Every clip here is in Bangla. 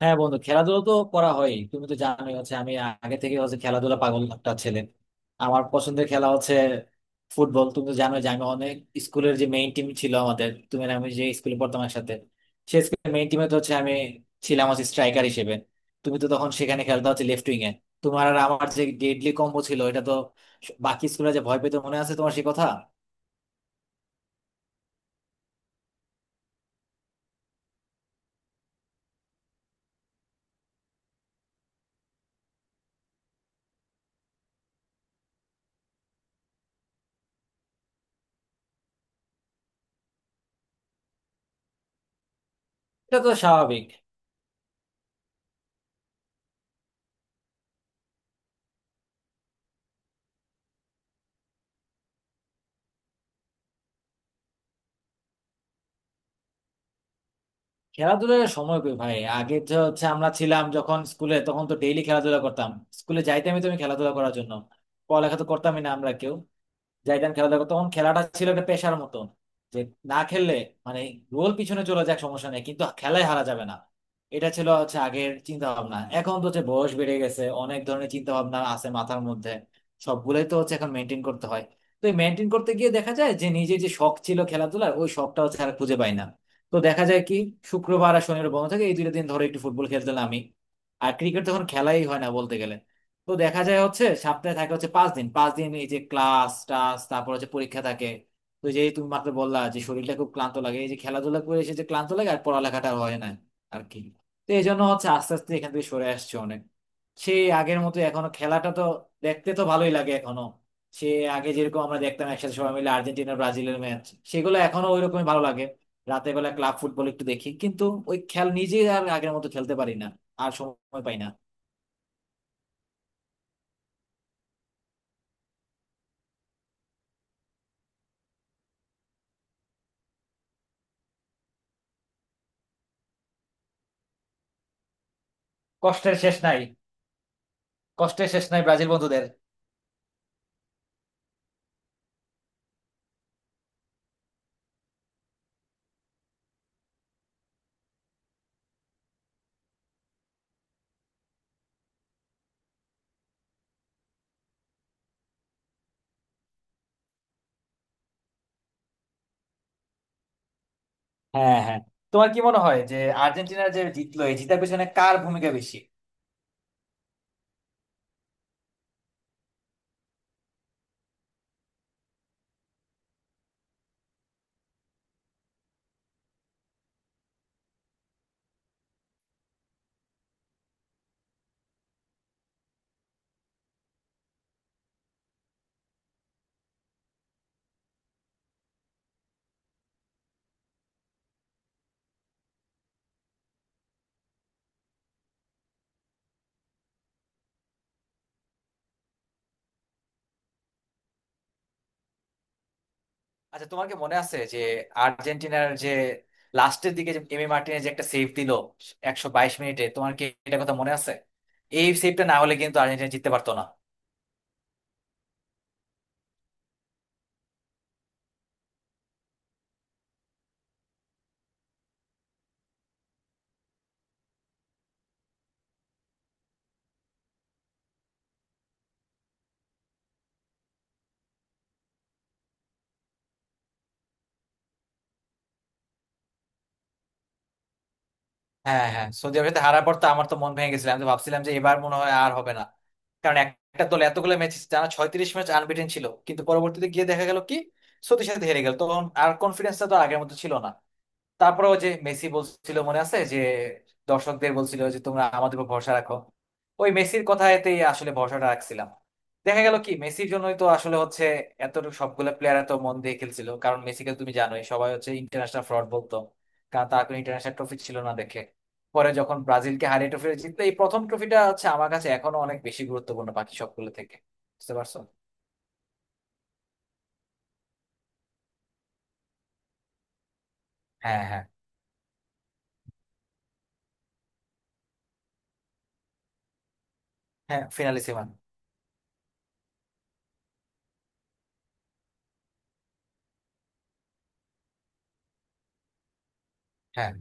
হ্যাঁ বন্ধু, খেলাধুলা তো করা হয়। তুমি তো জানোই হচ্ছে আমি আগে থেকে হচ্ছে খেলাধুলা পাগল একটা ছেলে। আমার পছন্দের খেলা হচ্ছে ফুটবল। তুমি তো জানো যে আমি অনেক, স্কুলের যে মেইন টিম ছিল আমাদের, তুমি আর আমি যে স্কুলে পড়তাম একসাথে, সে স্কুলের মেইন টিমে তো হচ্ছে আমি ছিলাম হচ্ছে স্ট্রাইকার হিসেবে। তুমি তো তখন সেখানে খেলতে হচ্ছে লেফট উইং এ। তোমার আর আমার যে ডেডলি কম্বো ছিল এটা তো বাকি স্কুলে যে ভয় পেতে, মনে আছে তোমার সে কথা? এটা তো স্বাভাবিক। খেলাধুলার সময় কই ভাই? আগে তো হচ্ছে আমরা ছিলাম যখন স্কুলে তখন তো ডেইলি খেলাধুলা করতাম। স্কুলে যাইতামই তো আমি খেলাধুলা করার জন্য। পড়ালেখা তো করতামই না আমরা কেউ। যাইতাম খেলাধুলা করতে। তখন খেলাটা ছিল একটা পেশার মতন, যে না খেললে, মানে গোল পিছনে চলে যাক সমস্যা নেই কিন্তু খেলায় হারা যাবে না, এটা ছিল হচ্ছে আগের চিন্তা ভাবনা। এখন তো হচ্ছে বয়স বেড়ে গেছে, অনেক ধরনের চিন্তা ভাবনা আছে মাথার মধ্যে। সবগুলোই তো হচ্ছে এখন মেনটেন করতে হয়। তো এই মেনটেন করতে গিয়ে দেখা যায় যে নিজের যে শখ ছিল খেলাধুলার, ওই শখটা হচ্ছে আর খুঁজে পাই না। তো দেখা যায় কি, শুক্রবার আর শনিবার বন্ধ থাকে, এই 2 দিন ধরে একটু ফুটবল খেলতাম আমি। আর ক্রিকেট তখন খেলাই হয় না বলতে গেলে। তো দেখা যায় হচ্ছে সপ্তাহে থাকে হচ্ছে 5 দিন 5 দিন, এই যে ক্লাস টাস তারপর হচ্ছে পরীক্ষা থাকে। তো যে তুমি মাত্র বললা যে শরীরটা খুব ক্লান্ত লাগে, এই যে খেলাধুলা করে এসে যে ক্লান্ত লাগে আর পড়ালেখাটা হয় না আর কি, তো এই জন্য হচ্ছে আস্তে আস্তে এখান থেকে সরে আসছে অনেক। সেই আগের মতো এখনো খেলাটা তো দেখতে তো ভালোই লাগে এখনো। সে আগে যেরকম আমরা দেখতাম একসাথে সবাই মিলে, আর্জেন্টিনা ব্রাজিলের ম্যাচ, সেগুলো এখনো ওই রকমই ভালো লাগে। রাতের বেলা ক্লাব ফুটবল একটু দেখি কিন্তু ওই খেল নিজে আর আগের মতো খেলতে পারি না। আর সময় পাই না। কষ্টের শেষ নাই। কষ্টের শেষ নাই ব্রাজিল বন্ধুদের। হ্যাঁ, হ্যাঁ। তোমার কি মনে হয় যে আর্জেন্টিনার যে জিতলো, এই জিতার পেছনে কার ভূমিকা বেশি? আচ্ছা, তোমার কি মনে আছে যে আর্জেন্টিনার যে লাস্টের দিকে যে এমি মার্টিনেজ যে একটা সেভ দিল 122 মিনিটে, তোমার কি এটা কথা মনে আছে? এই সেভটা না হলে কিন্তু আর্জেন্টিনা জিততে পারতো না। হ্যাঁ, হ্যাঁ, সৌদি আরবের সাথে হারার পর তো আমার তো মন ভেঙে গেছিল। আমি তো ভাবছিলাম যে এবার মনে হয় আর হবে না। কারণ একটা দল এতগুলো ম্যাচ টানা, 36 ম্যাচ আনবিটেন ছিল, কিন্তু পরবর্তীতে গিয়ে দেখা গেল কি সৌদির সাথে হেরে গেল, তখন আর কনফিডেন্সটা তো আগের মতো ছিল না। তারপরে ওই যে মেসি বলছিল মনে আছে যে দর্শকদের বলছিল যে তোমরা আমাদের উপর ভরসা রাখো, ওই মেসির কথাতেই আসলে ভরসাটা রাখছিলাম। দেখা গেল কি মেসির জন্যই তো আসলে হচ্ছে এতটুকু, সবগুলো প্লেয়ার এত মন দিয়ে খেলছিল। কারণ মেসিকে তুমি জানোই, সবাই হচ্ছে ইন্টারন্যাশনাল ফ্রড বলতো, কারণ তার কোনো ইন্টারন্যাশনাল ট্রফি ছিল না দেখে। পরে যখন ব্রাজিলকে হারিয়ে ট্রফি জিতলো, এই প্রথম ট্রফিটা হচ্ছে আমার কাছে এখনো অনেক বেশি গুরুত্বপূর্ণ বাকি সবগুলো থেকে। বুঝতে পারছো? হ্যাঁ, হ্যাঁ। হ্যাঁ, ফিনালি সেভেন। হ্যাঁ।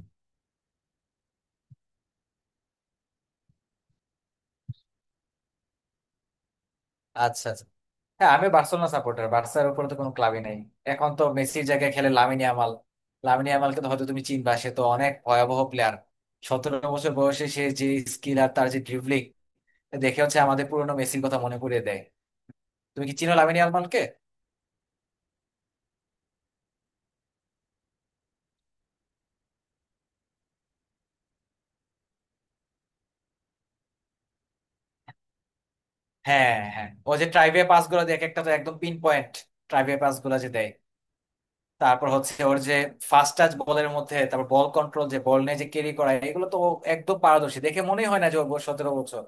আচ্ছা, আচ্ছা। হ্যাঁ, আমি বার্সেলোনা সাপোর্টার। বার্সার উপরে তো কোনো ক্লাবই নাই। এখন তো মেসির জায়গায় খেলে লামিনে আমাল। লামিনে আমালকে তো হয়তো তুমি চিনবা, সে তো অনেক ভয়াবহ প্লেয়ার। 17 বছর বয়সে সে যে স্কিল আর তার যে ড্রিবলিং, দেখে হচ্ছে আমাদের পুরোনো মেসির কথা মনে করিয়ে দেয়। তুমি কি চিনো লামিনে আমালকে? হ্যাঁ, হ্যাঁ, ও যে ট্রাইভে পাস গুলো দেয় এক একটা তো একদম পিন পয়েন্ট। ট্রাইভে পাস গুলো যে দেয়, তারপর হচ্ছে ওর যে ফাস্ট টাচ বলের মধ্যে, তারপর বল কন্ট্রোল, যে বল নিয়ে যে ক্যারি করা, এগুলো তো ও একদম পারদর্শী। দেখে মনেই হয় না যে ওর বয়স 17 বছর।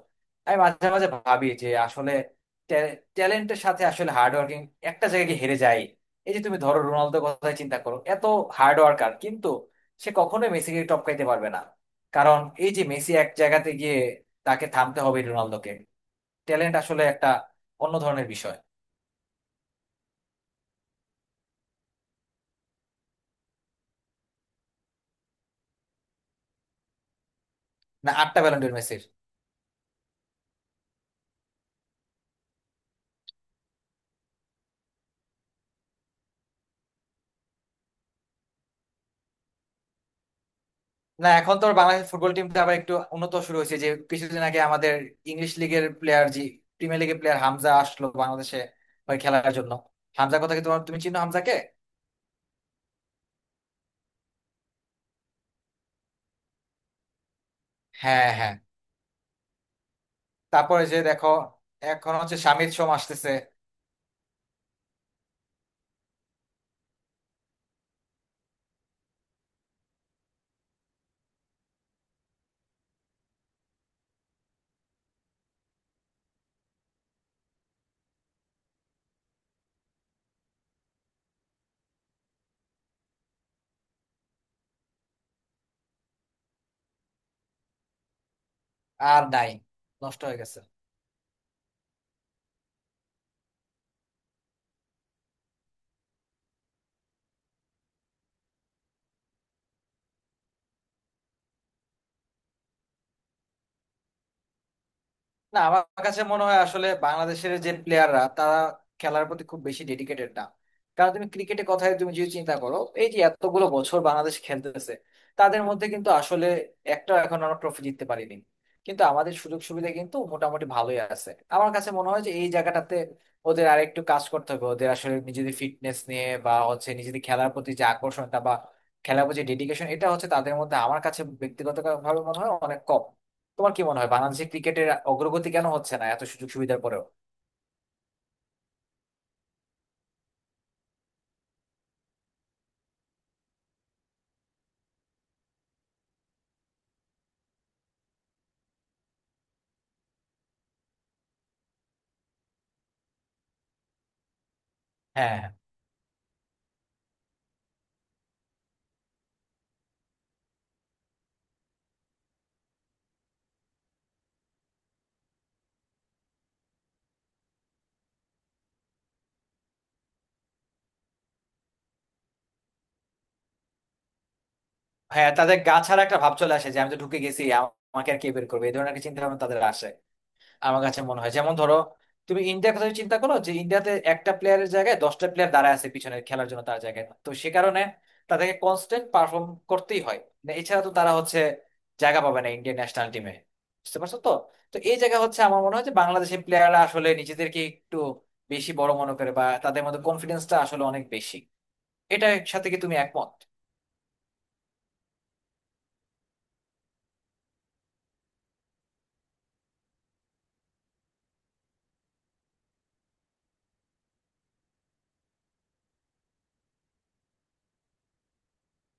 আমি মাঝে মাঝে ভাবি যে আসলে ট্যালেন্টের সাথে আসলে হার্ড ওয়ার্কিং একটা জায়গায় গিয়ে হেরে যায়। এই যে তুমি ধরো রোনালদোর কথাই চিন্তা করো, এত হার্ড ওয়ার্কার কিন্তু সে কখনোই মেসিকে টপকাইতে পারবে না। কারণ এই যে মেসি এক জায়গাতে গিয়ে, তাকে থামতে হবে রোনালদোকে। ট্যালেন্ট আসলে একটা অন্য ধরনের বিষয়। না, আটটা ব্যালন্ডোর মেসি। না, এখন তো বাংলাদেশ ফুটবল টিমটা আবার একটু উন্নত শুরু হয়েছে। যে কিছুদিন আগে আমাদের ইংলিশ লিগের প্লেয়ার জি, প্রিমিয়ার লিগের প্লেয়ার হামজা আসলো বাংলাদেশে ওই খেলার জন্য। হামজার কথা কি, তোমার, তুমি চিনো হামজাকে? হ্যাঁ, হ্যাঁ। তারপরে যে দেখো, এখন হচ্ছে শামির সোম আসতেছে। আর নাই। নষ্ট হয়ে গেছে। না, আমার কাছে মনে হয় আসলে বাংলাদেশের যে প্লেয়াররা তারা খেলার প্রতি খুব বেশি ডেডিকেটেড না। কারণ তুমি ক্রিকেটের কথাই তুমি যদি চিন্তা করো, এই যে এতগুলো বছর বাংলাদেশ খেলতেছে, তাদের মধ্যে কিন্তু আসলে একটা, এখন আমরা ট্রফি জিততে পারিনি। কিন্তু আমাদের সুযোগ সুবিধা কিন্তু মোটামুটি ভালোই আছে। আমার কাছে মনে হয় যে এই জায়গাটাতে ওদের আরেকটু কাজ করতে হবে। ওদের আসলে নিজেদের ফিটনেস নিয়ে বা হচ্ছে নিজেদের খেলার প্রতি যে আকর্ষণটা বা খেলার প্রতি ডেডিকেশন, এটা হচ্ছে তাদের মধ্যে আমার কাছে ব্যক্তিগতভাবে মনে হয় অনেক কম। তোমার কি মনে হয় বাংলাদেশে ক্রিকেটের অগ্রগতি কেন হচ্ছে না এত সুযোগ সুবিধার পরেও? হ্যাঁ, হ্যাঁ, তাদের গা ছাড়া একটা ভাব চলে আসে যে আমি তো ঢুকে গেছি, আমাকে আর কে বের করবে, এই ধরনের একটা চিন্তা ভাবনা তাদের আসে। আমার কাছে মনে হয় যেমন ধরো, তুমি ইন্ডিয়ার কথা চিন্তা করো যে ইন্ডিয়াতে একটা প্লেয়ারের জায়গায় দশটা প্লেয়ার দাঁড়ায় আছে পিছনে খেলার জন্য তার জায়গায়, তো সে কারণে তাদেরকে কনস্ট্যান্ট পারফর্ম করতেই হয়। না, এছাড়া তো তারা হচ্ছে জায়গা পাবে না ইন্ডিয়ান ন্যাশনাল টিমে। বুঝতে পারছো তো? তো এই জায়গা হচ্ছে আমার মনে হয় যে বাংলাদেশের প্লেয়াররা আসলে নিজেদেরকে একটু বেশি বড় মনে করে, বা তাদের মধ্যে কনফিডেন্সটা আসলে অনেক বেশি। এটার সাথে কি তুমি একমত?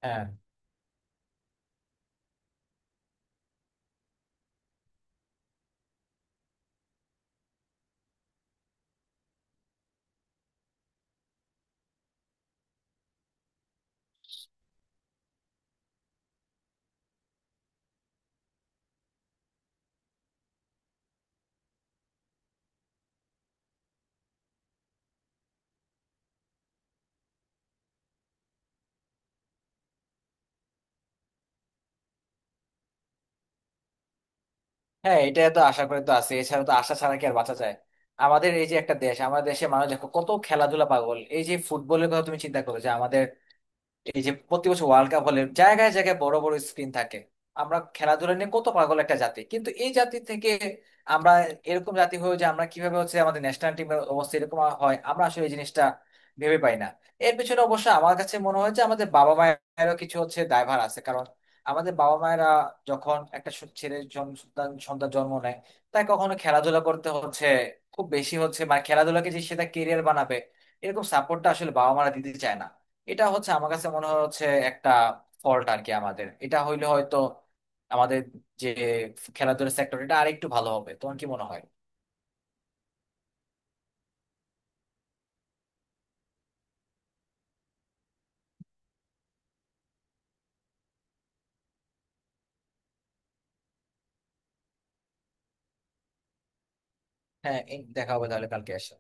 হ্যাঁ, হ্যাঁ, এটা তো আশা করে তো আছে, এছাড়া তো আশা ছাড়া কি আর বাঁচা যায়? আমাদের এই যে একটা দেশ, আমাদের দেশে মানুষ দেখো কত খেলাধুলা পাগল। এই যে ফুটবলের কথা তুমি চিন্তা করো যে আমাদের, এই যে প্রতি বছর ওয়ার্ল্ড কাপ হলে জায়গায় জায়গায় বড় বড় স্ক্রিন থাকে। আমরা খেলাধুলা নিয়ে কত পাগল একটা জাতি। কিন্তু এই জাতি থেকে আমরা, এরকম জাতি হয়ে যে আমরা, কিভাবে হচ্ছে আমাদের ন্যাশনাল টিমের অবস্থা এরকম হয়, আমরা আসলে এই জিনিসটা ভেবে পাই না। এর পিছনে অবশ্য আমার কাছে মনে হয় যে আমাদের বাবা মায়েরও কিছু হচ্ছে দায়ভার আছে। কারণ আমাদের বাবা মায়েরা যখন একটা ছেলে, সন্তান সন্তান জন্ম নেয়, তাই কখনো খেলাধুলা করতে হচ্ছে খুব বেশি হচ্ছে, মানে খেলাধুলাকে যে সেটা কেরিয়ার বানাবে এরকম সাপোর্টটা আসলে বাবা মারা দিতে চায় না। এটা হচ্ছে আমার কাছে মনে হয় হচ্ছে একটা ফল্ট আর কি আমাদের। এটা হইলে হয়তো আমাদের যে খেলাধুলার সেক্টর, এটা আরেকটু ভালো হবে। তোমার কি মনে হয়? হ্যাঁ, এই দেখা হবে তাহলে কালকে এসে।